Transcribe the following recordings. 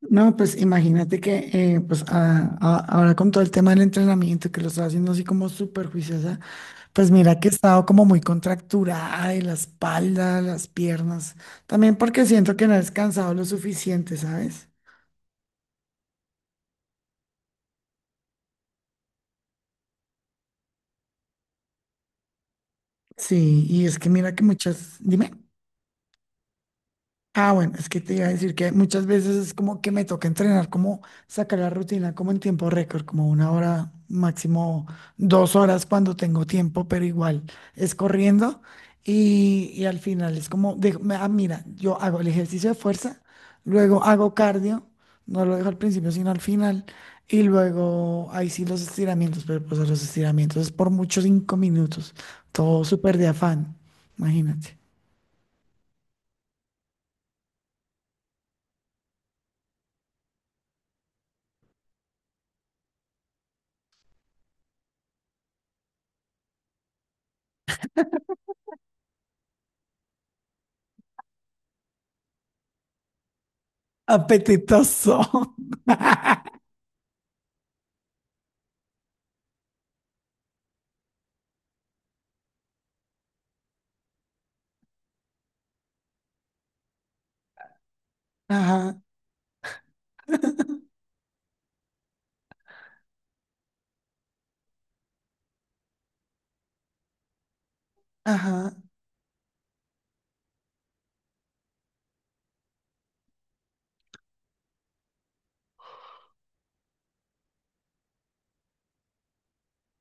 No, pues imagínate que pues ahora con todo el tema del entrenamiento que lo estaba haciendo así como súper juiciosa, pues mira que he estado como muy contracturada de la espalda, las piernas, también porque siento que no he descansado lo suficiente, ¿sabes? Sí, y es que mira que muchas, dime. Ah, bueno, es que te iba a decir que muchas veces es como que me toca entrenar, como sacar la rutina, como en tiempo récord, como una hora, máximo 2 horas cuando tengo tiempo, pero igual es corriendo y al final es como, ah, mira, yo hago el ejercicio de fuerza, luego hago cardio, no lo dejo al principio, sino al final, y luego ahí sí los estiramientos, pero pues a los estiramientos es por muchos 5 minutos, todo súper de afán, imagínate. Apetitoso. Ajá, ajá,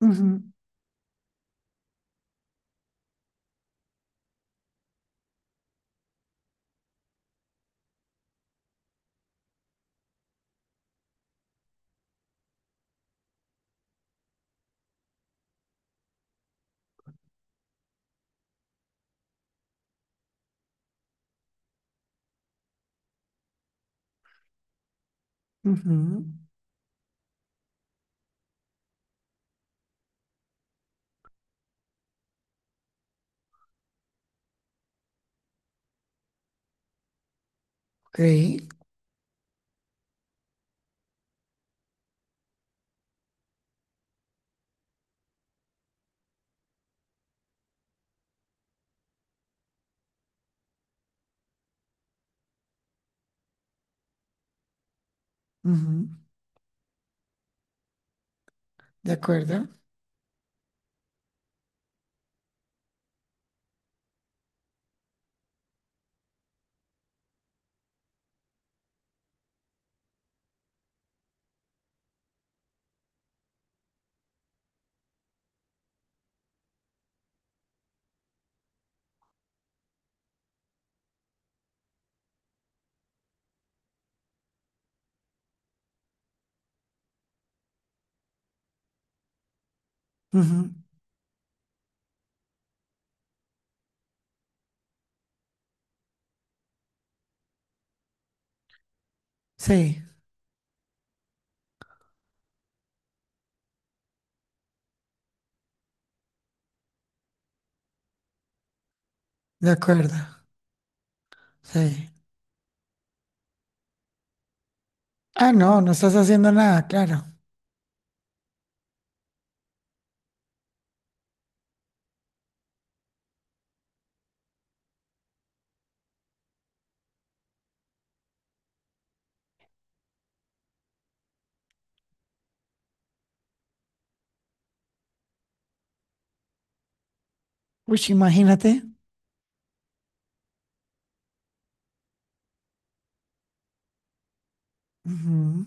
ujú, ujú, ok, ujú, de acuerdo, ujú, sí, de acuerdo, sí. Ah, no, no estás haciendo nada, claro. Uy, imagínate. Ujú,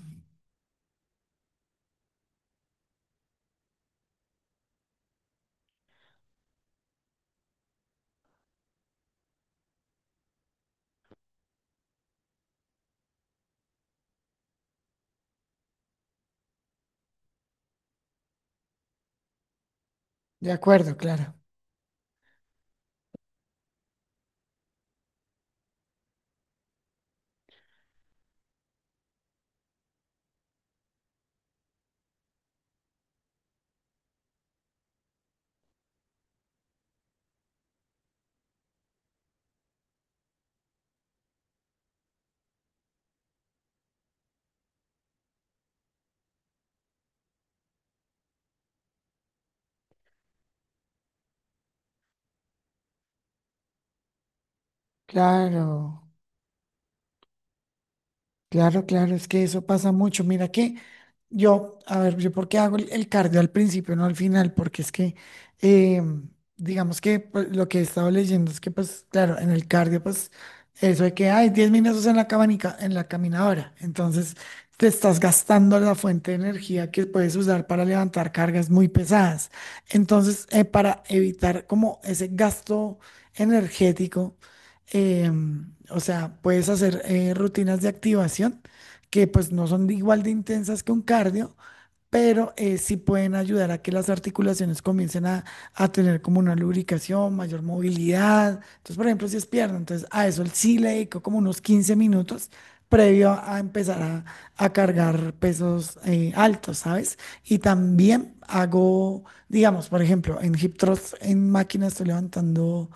de acuerdo, claro, claro, claro, claro, es que eso pasa mucho. Mira que yo, a ver, yo por qué hago el cardio al principio, no al final, porque es que, eh, digamos que pues, lo que he estado leyendo es que, pues, claro, en el cardio, pues, eso de que hay 10 minutos en la cabanica, en la caminadora, entonces te estás gastando la fuente de energía que puedes usar para levantar cargas muy pesadas. Entonces, para evitar como ese gasto energético, o sea, puedes hacer rutinas de activación que pues no son igual de intensas que un cardio, pero sí pueden ayudar a que las articulaciones comiencen a tener como una lubricación, mayor movilidad. Entonces, por ejemplo, si es pierna, entonces a eso sí le dedico como unos 15 minutos previo a empezar a cargar pesos altos, ¿sabes? Y también hago, digamos, por ejemplo, en hip thrust, en máquina estoy levantando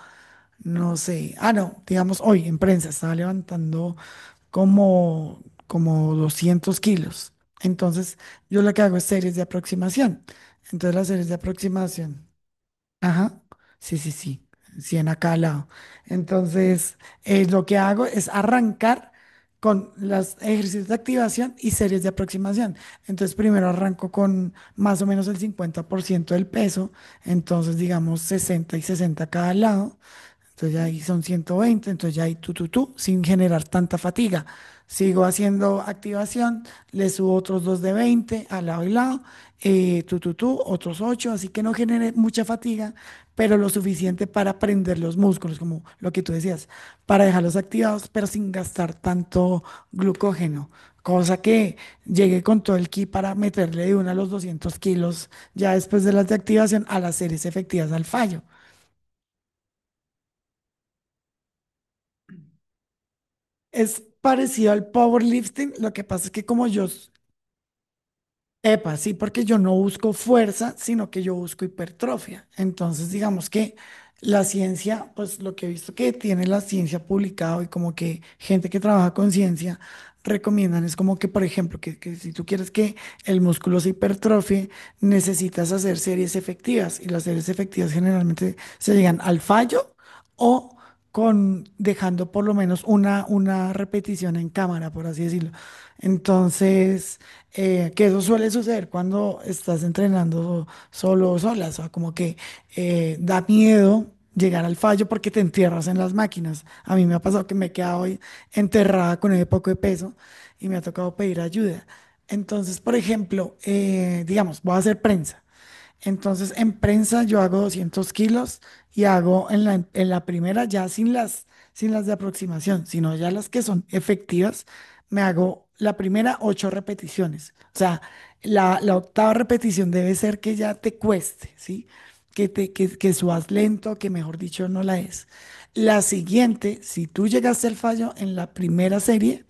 no sé. Ah, no, digamos, hoy en prensa estaba levantando como 200 kilos. Entonces, yo lo que hago es series de aproximación. Entonces, las series de aproximación. Ajá. Sí, sí, sí. 100 a cada lado. Entonces, lo que hago es arrancar con los ejercicios de activación y series de aproximación. Entonces, primero arranco con más o menos el 50% del peso. Entonces, digamos, 60 y 60 a cada lado. Entonces ya ahí son 120, entonces ya ahí tú, tú, tú, sin generar tanta fatiga. Sigo haciendo activación, le subo otros 2 de 20 al lado y lado, tú, tú, tú, otros 8, así que no genere mucha fatiga, pero lo suficiente para prender los músculos, como lo que tú decías, para dejarlos activados, pero sin gastar tanto glucógeno. Cosa que llegue con todo el ki para meterle de una a los 200 kilos ya después de las de activación a las series efectivas al fallo. Es parecido al powerlifting, lo que pasa es que como yo, epa, sí, porque yo no busco fuerza, sino que yo busco hipertrofia. Entonces, digamos que la ciencia, pues lo que he visto que tiene la ciencia publicado y como que gente que trabaja con ciencia recomiendan es como que, por ejemplo, que si tú quieres que el músculo se hipertrofie, necesitas hacer series efectivas y las series efectivas generalmente se llegan al fallo. O con dejando por lo menos una repetición en cámara, por así decirlo. Entonces, que eso suele suceder cuando estás entrenando solo o sola, o sea, como que da miedo llegar al fallo porque te entierras en las máquinas. A mí me ha pasado que me he quedado hoy enterrada con el poco de peso y me ha tocado pedir ayuda. Entonces, por ejemplo, digamos, voy a hacer prensa. Entonces, en prensa yo hago 200 kilos y hago en la, primera ya sin las de aproximación, sino ya las que son efectivas, me hago la primera 8 repeticiones. O sea, la octava repetición debe ser que ya te cueste, ¿sí? Que subas lento, que mejor dicho no la es. La siguiente, si tú llegaste al fallo en la primera serie,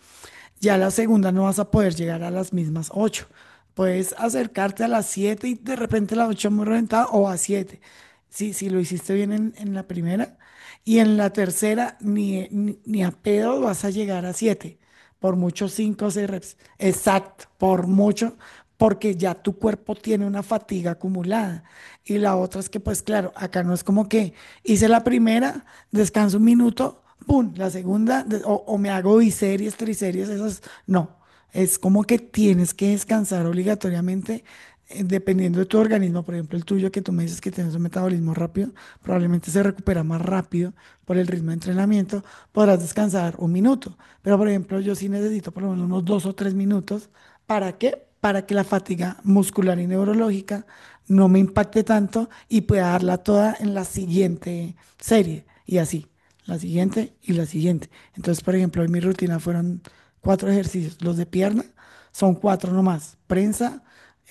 ya la segunda no vas a poder llegar a las mismas ocho. Puedes acercarte a las 7 y de repente la 8 muy reventada o a siete. Si, si lo hiciste bien en la primera. Y en la tercera, ni a pedo vas a llegar a siete. Por mucho 5 o 6 reps. Exacto, por mucho, porque ya tu cuerpo tiene una fatiga acumulada. Y la otra es que, pues claro, acá no es como que hice la primera, descanso un minuto, pum, la segunda, o me hago biseries, triseries, esas, no. Es como que tienes que descansar obligatoriamente, dependiendo de tu organismo. Por ejemplo, el tuyo, que tú me dices que tienes un metabolismo rápido, probablemente se recupera más rápido por el ritmo de entrenamiento. Podrás descansar un minuto. Pero, por ejemplo, yo sí necesito por lo menos unos 2 o 3 minutos. ¿Para qué? Para que la fatiga muscular y neurológica no me impacte tanto y pueda darla toda en la siguiente serie. Y así la siguiente y la siguiente. Entonces, por ejemplo, en mi rutina fueron cuatro ejercicios. Los de pierna son cuatro nomás. Prensa,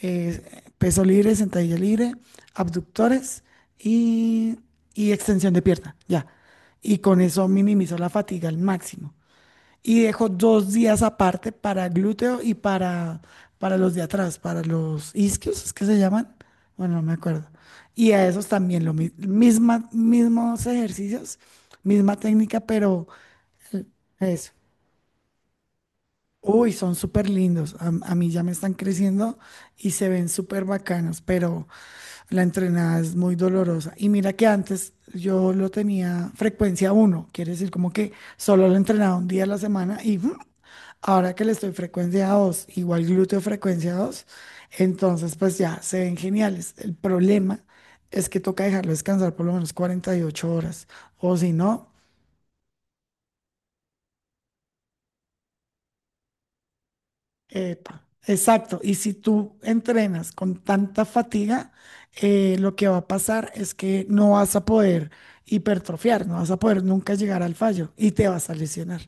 eh, peso libre, sentadilla libre, abductores y, y extensión de pierna. Ya. Y con eso minimizo la fatiga al máximo. Y dejo 2 días aparte para glúteo y para los de atrás, para los isquios, ¿es que se llaman? Bueno, no me acuerdo. Y a esos también lo mismos ejercicios, misma técnica, pero eso. Uy, son súper lindos. A mí ya me están creciendo y se ven súper bacanos, pero la entrenada es muy dolorosa. Y mira que antes yo lo tenía frecuencia uno, quiere decir como que solo lo entrenaba un día a la semana y ahora que le estoy frecuencia 2, igual glúteo frecuencia 2, entonces pues ya se ven geniales. El problema es que toca dejarlo descansar por lo menos 48 horas, o si no, epa, exacto. Y si tú entrenas con tanta fatiga, lo que va a pasar es que no vas a poder hipertrofiar, no vas a poder nunca llegar al fallo y te vas a lesionar.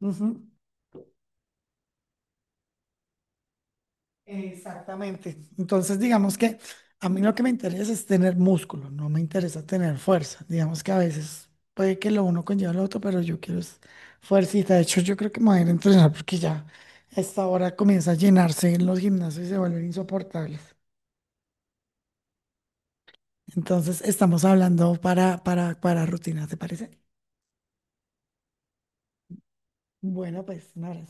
Ujú. Exactamente. Entonces, digamos que a mí lo que me interesa es tener músculo, no me interesa tener fuerza. Digamos que a veces puede que lo uno conlleva lo otro, pero yo quiero es fuercita. De hecho, yo creo que me voy a ir a entrenar porque ya a esta hora comienza a llenarse en los gimnasios y se vuelven insoportables. Entonces, estamos hablando para rutinas, ¿te parece? Bueno, pues nada.